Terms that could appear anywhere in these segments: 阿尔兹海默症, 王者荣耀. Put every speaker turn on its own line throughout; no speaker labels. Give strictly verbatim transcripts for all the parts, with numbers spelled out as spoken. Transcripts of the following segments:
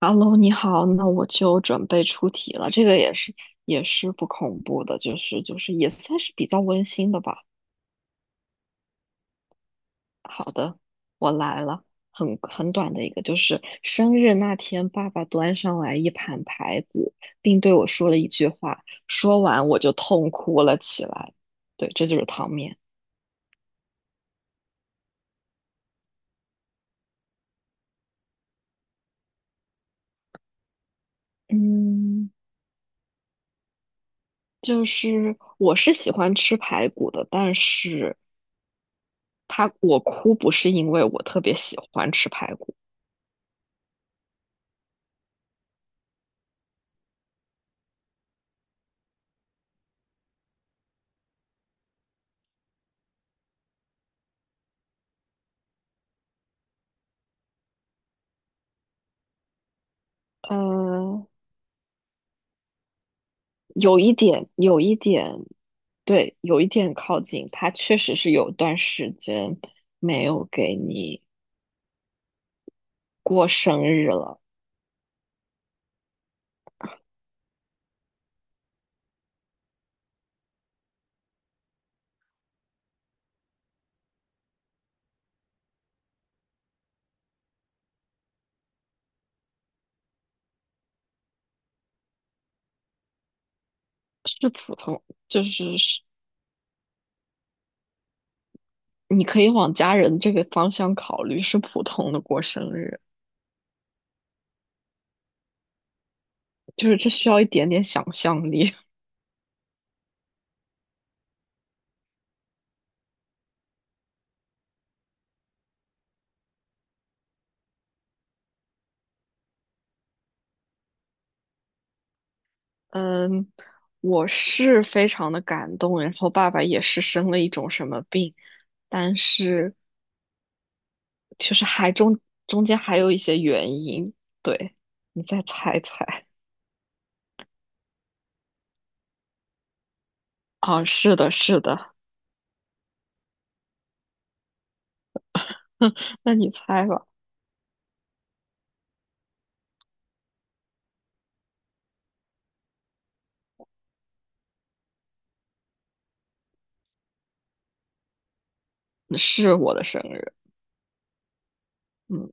Hello，你好，那我就准备出题了。这个也是也是不恐怖的，就是就是也算是比较温馨的吧。好的，我来了，很很短的一个，就是生日那天，爸爸端上来一盘排骨，并对我说了一句话，说完我就痛哭了起来。对，这就是汤面。嗯，就是我是喜欢吃排骨的，但是他我哭不是因为我特别喜欢吃排骨。嗯。有一点，有一点，对，有一点靠近。他确实是有段时间没有给你过生日了。是普通，就是是，你可以往家人这个方向考虑，是普通的过生日，就是这需要一点点想象力。嗯，我是非常的感动，然后爸爸也是生了一种什么病，但是就是还中中间还有一些原因，对，你再猜一猜。啊，是的，是的。那你猜吧，是我的生日。嗯，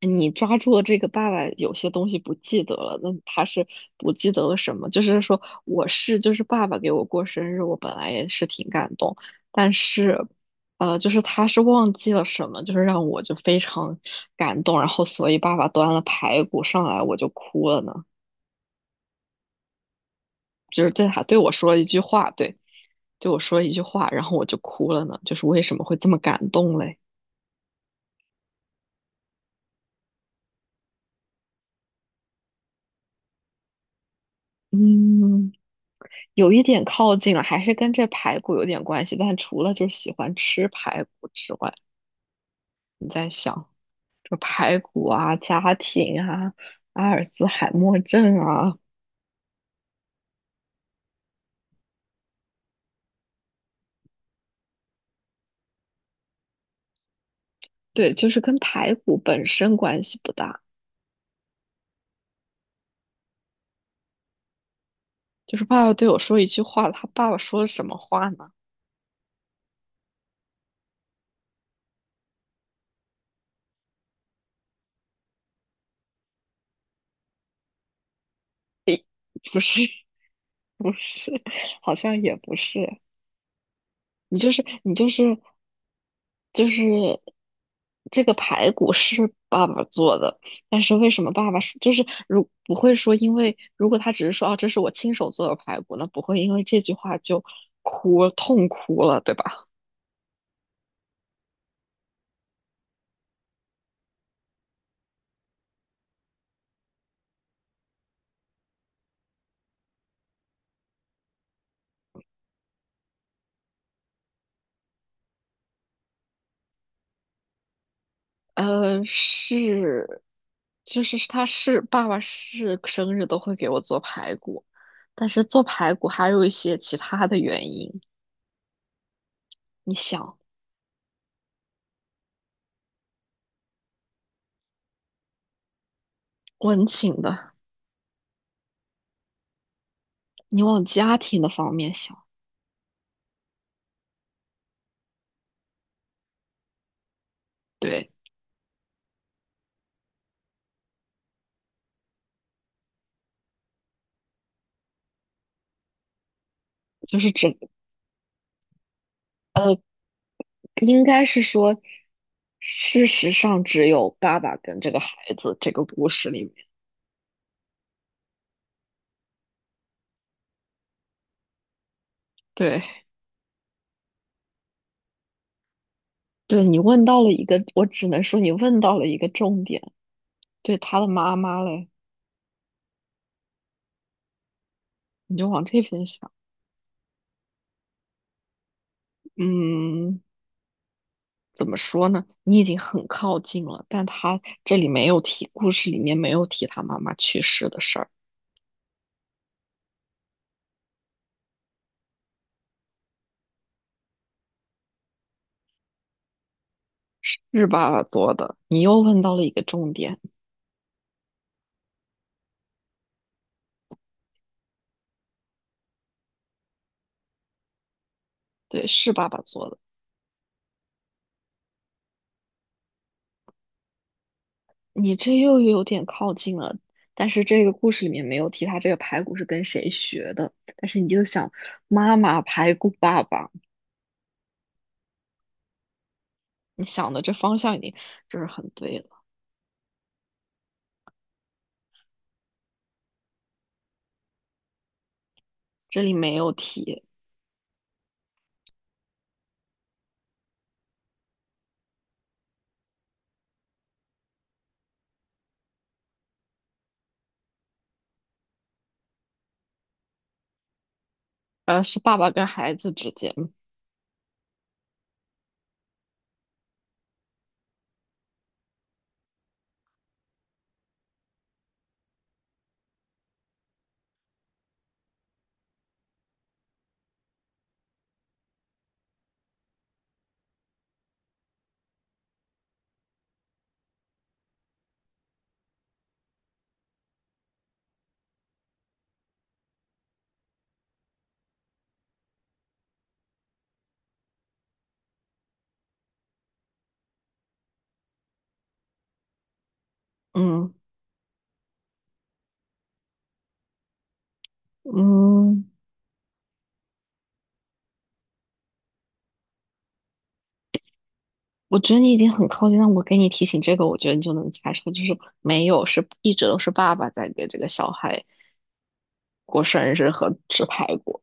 你抓住了这个爸爸有些东西不记得了，那他是不记得了什么？就是说，我是就是爸爸给我过生日，我本来也是挺感动，但是，呃，就是他是忘记了什么，就是让我就非常感动，然后所以爸爸端了排骨上来，我就哭了呢，就是对他对我说了一句话，对，对我说了一句话，然后我就哭了呢，就是为什么会这么感动嘞？嗯，有一点靠近了，还是跟这排骨有点关系。但除了就是喜欢吃排骨之外，你在想这排骨啊、家庭啊、阿尔兹海默症啊。对，就是跟排骨本身关系不大。就是爸爸对我说一句话，他爸爸说什么话呢？不是，不是，好像也不是。你就是你就是就是这个排骨是爸爸做的，但是为什么爸爸是就是如不会说，因为如果他只是说哦，这是我亲手做的排骨，那不会因为这句话就哭痛哭了，对吧？呃，是，就是他是爸爸是生日都会给我做排骨，但是做排骨还有一些其他的原因，你想温情的，你往家庭的方面想。对。就是只呃，应该是说，事实上只有爸爸跟这个孩子这个故事里面，对对，你问到了一个，我只能说你问到了一个重点。对他的妈妈嘞，你就往这边想，嗯，怎么说呢？你已经很靠近了，但他这里没有提，故事里面没有提他妈妈去世的事儿，是爸爸做的。你又问到了一个重点，对，是爸爸做的。你这又有点靠近了，但是这个故事里面没有提他这个排骨是跟谁学的，但是你就想妈妈排骨爸爸，你想的这方向已经就是很对了。这里没有提，呃，是爸爸跟孩子之间。嗯嗯，我觉得你已经很靠近了，我给你提醒这个，我觉得你就能猜出，就是没有，是一直都是爸爸在给这个小孩过生日和吃排骨，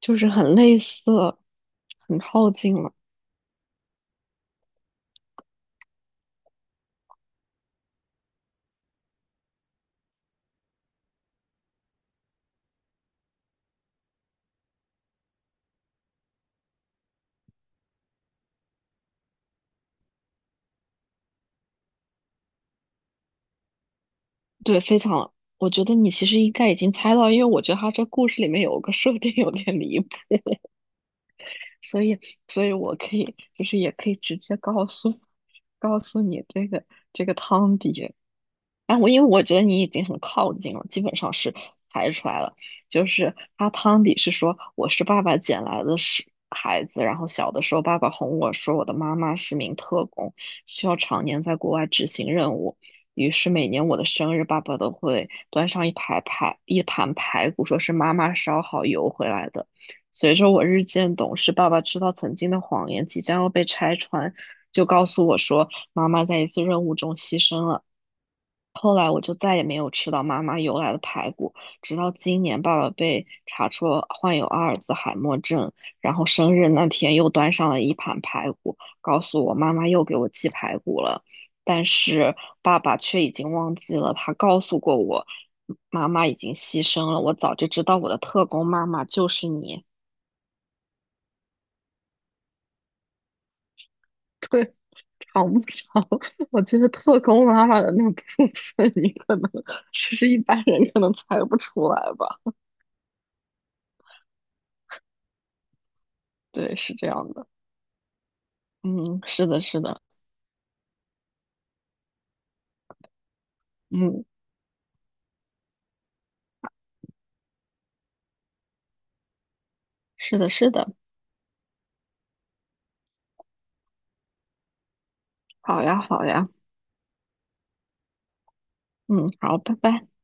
就是很类似，很靠近了。对，非常，我觉得你其实应该已经猜到，因为我觉得他这故事里面有个设定有点离谱，所以，所以我可以就是也可以直接告诉告诉你这个这个汤底。啊，我因为我觉得你已经很靠近了，基本上是排出来了。就是阿汤底是说我是爸爸捡来的是孩子，然后小的时候爸爸哄我说我的妈妈是名特工，需要常年在国外执行任务。于是每年我的生日，爸爸都会端上一排排一盘排骨，说是妈妈烧好邮回来的。随着我日渐懂事，爸爸知道曾经的谎言即将要被拆穿，就告诉我说。妈妈在一次任务中牺牲了。后来我就再也没有吃到妈妈邮来的排骨，直到今年爸爸被查出患有阿尔兹海默症，然后生日那天又端上了一盘排骨，告诉我妈妈又给我寄排骨了，但是爸爸却已经忘记了，他告诉过我，妈妈已经牺牲了，我早就知道我的特工妈妈就是你。长不着，我觉得特工妈妈的那个部分，你可能其实一般人可能猜不出来吧。对，是这样的。嗯，是的，是的，嗯，是的，是的。好呀，好呀，嗯，好，拜拜。